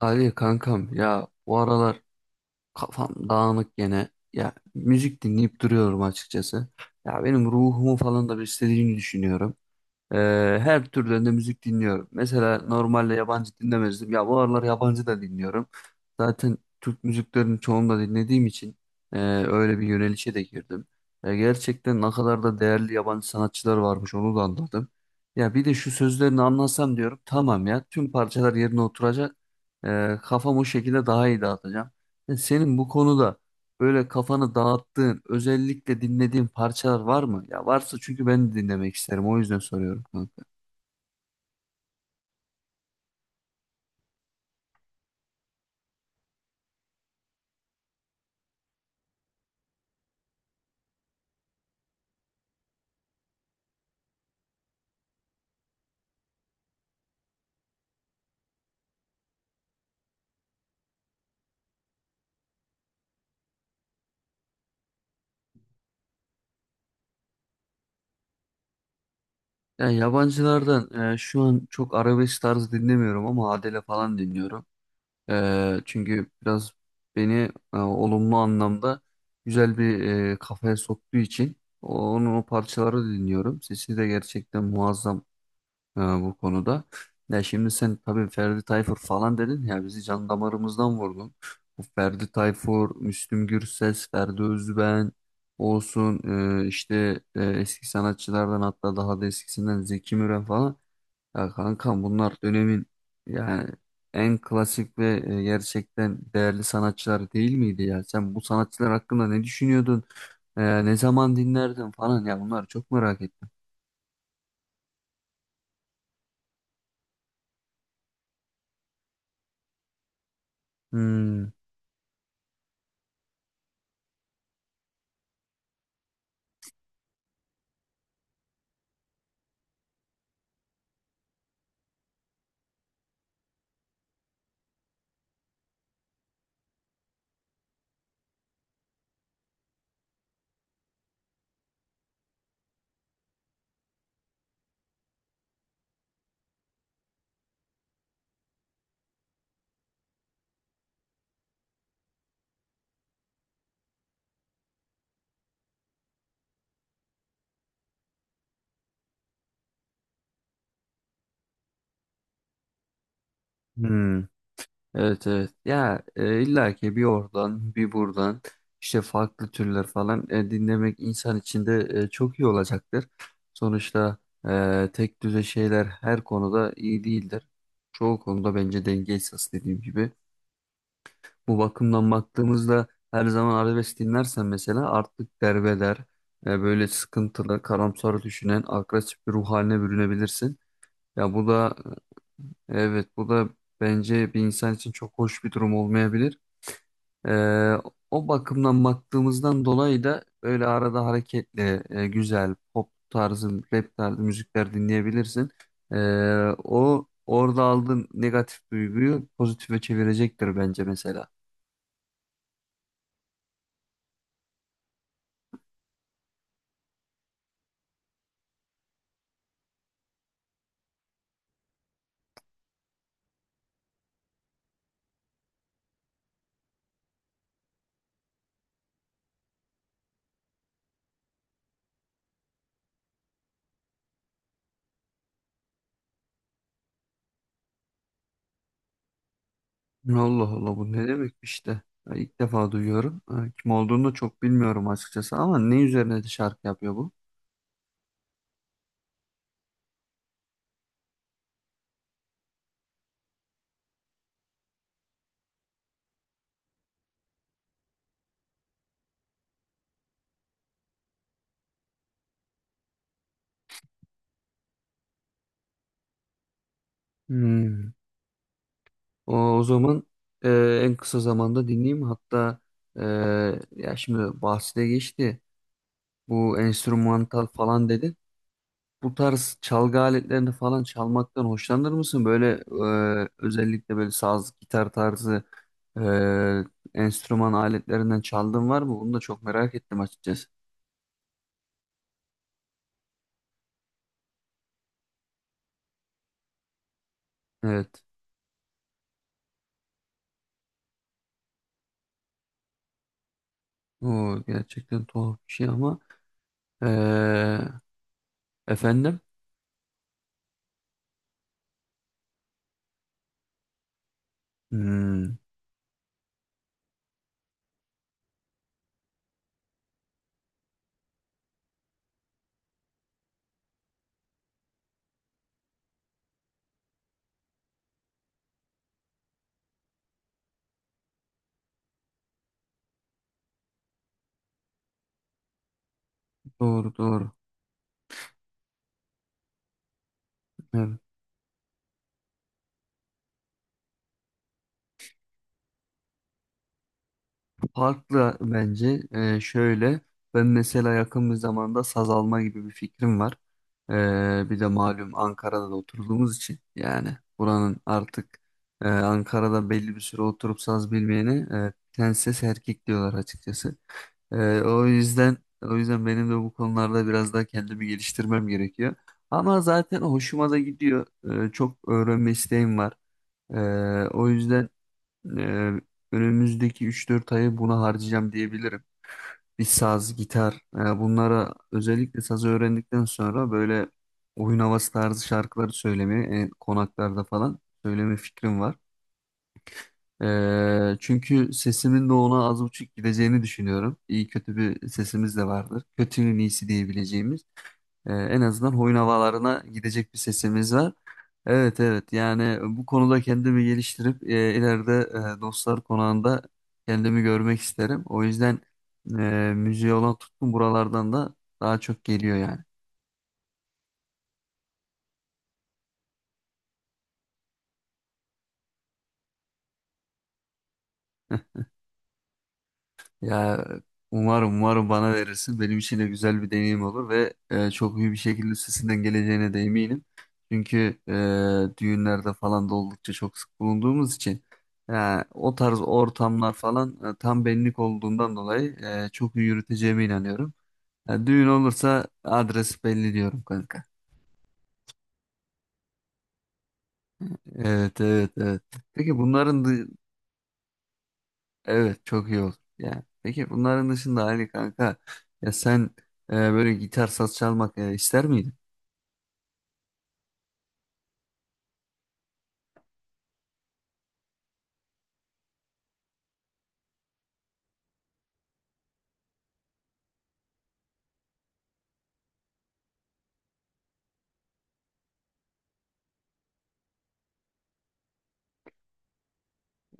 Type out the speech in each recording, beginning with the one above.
Ali kankam ya bu aralar kafam dağınık gene. Ya müzik dinleyip duruyorum açıkçası. Ya benim ruhumu falan da beslediğini düşünüyorum. Ee, her türden de müzik dinliyorum. Mesela normalde yabancı dinlemezdim. Ya bu aralar yabancı da dinliyorum. Zaten Türk müziklerini çoğunu da dinlediğim için e, öyle bir yönelişe de girdim. Gerçekten ne kadar da değerli yabancı sanatçılar varmış onu da anladım. Ya bir de şu sözlerini anlasam diyorum tamam ya tüm parçalar yerine oturacak. Kafam o şekilde daha iyi dağıtacağım. Senin bu konuda böyle kafanı dağıttığın, özellikle dinlediğin parçalar var mı? Ya varsa çünkü ben de dinlemek isterim. O yüzden soruyorum kanka. Ya yabancılardan şu an çok arabesk tarzı dinlemiyorum ama Adele falan dinliyorum. Çünkü biraz beni olumlu anlamda güzel bir kafaya soktuğu için onun o parçaları dinliyorum. Sesi de gerçekten muazzam bu konuda. Ya şimdi sen tabii Ferdi Tayfur falan dedin ya bizi can damarımızdan vurdun. Bu Ferdi Tayfur, Müslüm Gürses, Ferdi Özben olsun eski sanatçılardan hatta daha da eskisinden Zeki Müren falan. Ya kankam bunlar dönemin yani en klasik ve gerçekten değerli sanatçılar değil miydi ya? Sen bu sanatçılar hakkında ne düşünüyordun? Ne zaman dinlerdin falan ya bunlar çok merak ettim. Hmm. Hmm. Evet, evet, ya illa ki bir oradan bir buradan işte farklı türler falan dinlemek insan için de çok iyi olacaktır. Sonuçta tek düze şeyler her konuda iyi değildir. Çoğu konuda bence denge esas dediğim gibi. Bu bakımdan baktığımızda her zaman arabesk dinlersen mesela artık derbeder, böyle sıkıntılı, karamsar düşünen, agresif bir ruh haline bürünebilirsin. Ya bu da, evet, bu da bence bir insan için çok hoş bir durum olmayabilir. Ee, O bakımdan baktığımızdan dolayı da öyle arada hareketli, güzel pop tarzı, rap tarzı müzikler dinleyebilirsin. Ee, O orada aldığın negatif duyguyu pozitife çevirecektir bence mesela. Allah Allah, bu ne demek işte. Ya İlk defa duyuyorum. Ha, kim olduğunu da çok bilmiyorum açıkçası ama ne üzerine de şarkı yapıyor bu? Hmm. O zaman en kısa zamanda dinleyeyim. Hatta, e, ya şimdi bahsine geçti, bu enstrümantal falan dedin. Bu tarz çalgı aletlerini falan çalmaktan hoşlanır mısın? Böyle özellikle böyle saz, gitar tarzı enstrüman aletlerinden çaldığın var mı? Bunu da çok merak ettim açıkçası. Evet. O gerçekten tuhaf bir şey ama e, efendim. Hmm. Doğru, doğru. Evet. Farklı bence. Şöyle, ben mesela yakın bir zamanda saz alma gibi bir fikrim var. Bir de malum Ankara'da da oturduğumuz için, yani buranın artık, Ankara'da belli bir süre oturup saz bilmeyeni tenses erkek diyorlar açıkçası. Ee, o yüzden o yüzden benim de bu konularda biraz daha kendimi geliştirmem gerekiyor. Ama zaten hoşuma da gidiyor. Çok öğrenme isteğim var. Ee, o yüzden ee, Önümüzdeki 3-4 ayı buna harcayacağım diyebilirim. Bir saz, gitar, bunlara özellikle sazı öğrendikten sonra böyle oyun havası tarzı şarkıları söylemeye, konaklarda falan söyleme fikrim var. Çünkü sesimin de ona az buçuk gideceğini düşünüyorum. İyi kötü bir sesimiz de vardır. Kötünün iyisi diyebileceğimiz. En azından oyun havalarına gidecek bir sesimiz var. Evet, evet, yani bu konuda kendimi geliştirip ileride dostlar konağında kendimi görmek isterim. O yüzden müziğe olan tutkum buralardan da daha çok geliyor yani. Ya, umarım, umarım bana verirsin. Benim için de güzel bir deneyim olur ve çok iyi bir şekilde üstesinden geleceğine de eminim. Çünkü düğünlerde falan da oldukça çok sık bulunduğumuz için ya, o tarz ortamlar falan tam benlik olduğundan dolayı çok iyi yürüteceğime inanıyorum. Ya, düğün olursa adres belli diyorum kanka. Evet, evet, evet. Peki bunların… Evet, çok iyi olur. Yani peki bunların dışında Ali kanka, ya sen böyle gitar, saz çalmak ister miydin?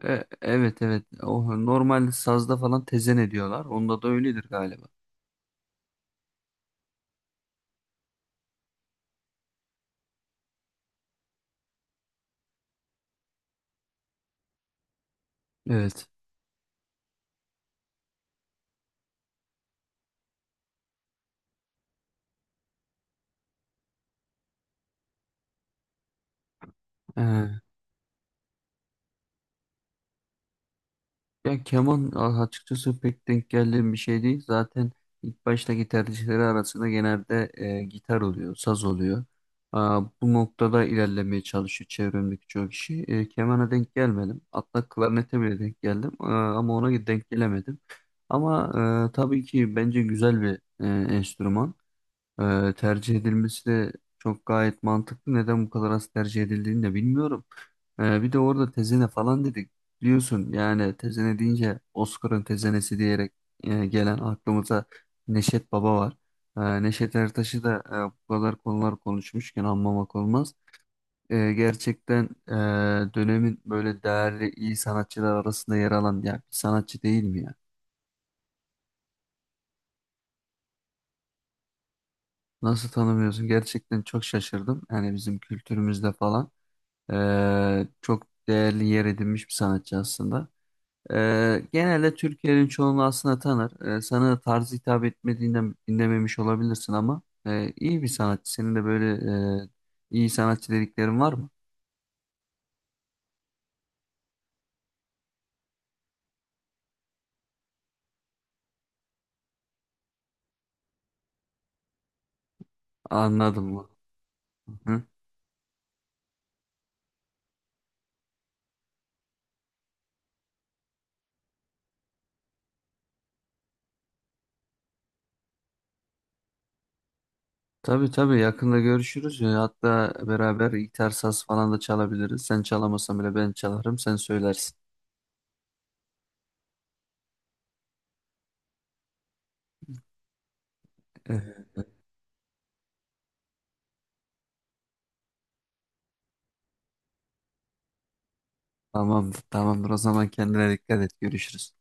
Evet, evet. O normal sazda falan tezen ediyorlar. Onda da öyledir galiba. Evet. Ya keman açıkçası pek denk geldiğim bir şey değil. Zaten ilk baştaki tercihleri arasında genelde gitar oluyor, saz oluyor. Aa, bu noktada ilerlemeye çalışıyor çevremdeki çoğu kişi. E, kemana denk gelmedim. Hatta klarnete bile denk geldim. Aa, ama ona denk gelemedim. Ama tabii ki bence güzel bir e, enstrüman. Tercih edilmesi de çok gayet mantıklı. Neden bu kadar az tercih edildiğini de bilmiyorum. Bir de orada tezene falan dedik. Biliyorsun yani tezene deyince Oscar'ın tezenesi diyerek gelen aklımıza Neşet Baba var. Neşet Ertaş'ı da bu kadar konular konuşmuşken anmamak olmaz. Gerçekten, dönemin böyle değerli iyi sanatçılar arasında yer alan ya bir sanatçı değil mi ya? Nasıl tanımıyorsun? Gerçekten çok şaşırdım. Yani bizim kültürümüzde falan. Çok değerli yer edinmiş bir sanatçı aslında. Genelde Türkiye'nin çoğunu aslında tanır. Sana tarzı hitap etmediğinden dinlememiş olabilirsin ama iyi bir sanatçı. Senin de böyle e, iyi sanatçı dediklerin var mı? Anladım mı? Hı? Tabii, tabii, yakında görüşürüz. Hatta beraber gitar, saz falan da çalabiliriz. Sen çalamasan bile ben çalarım, sen söylersin. Ee, Tamamdır, tamamdır. O zaman kendine dikkat et. Görüşürüz.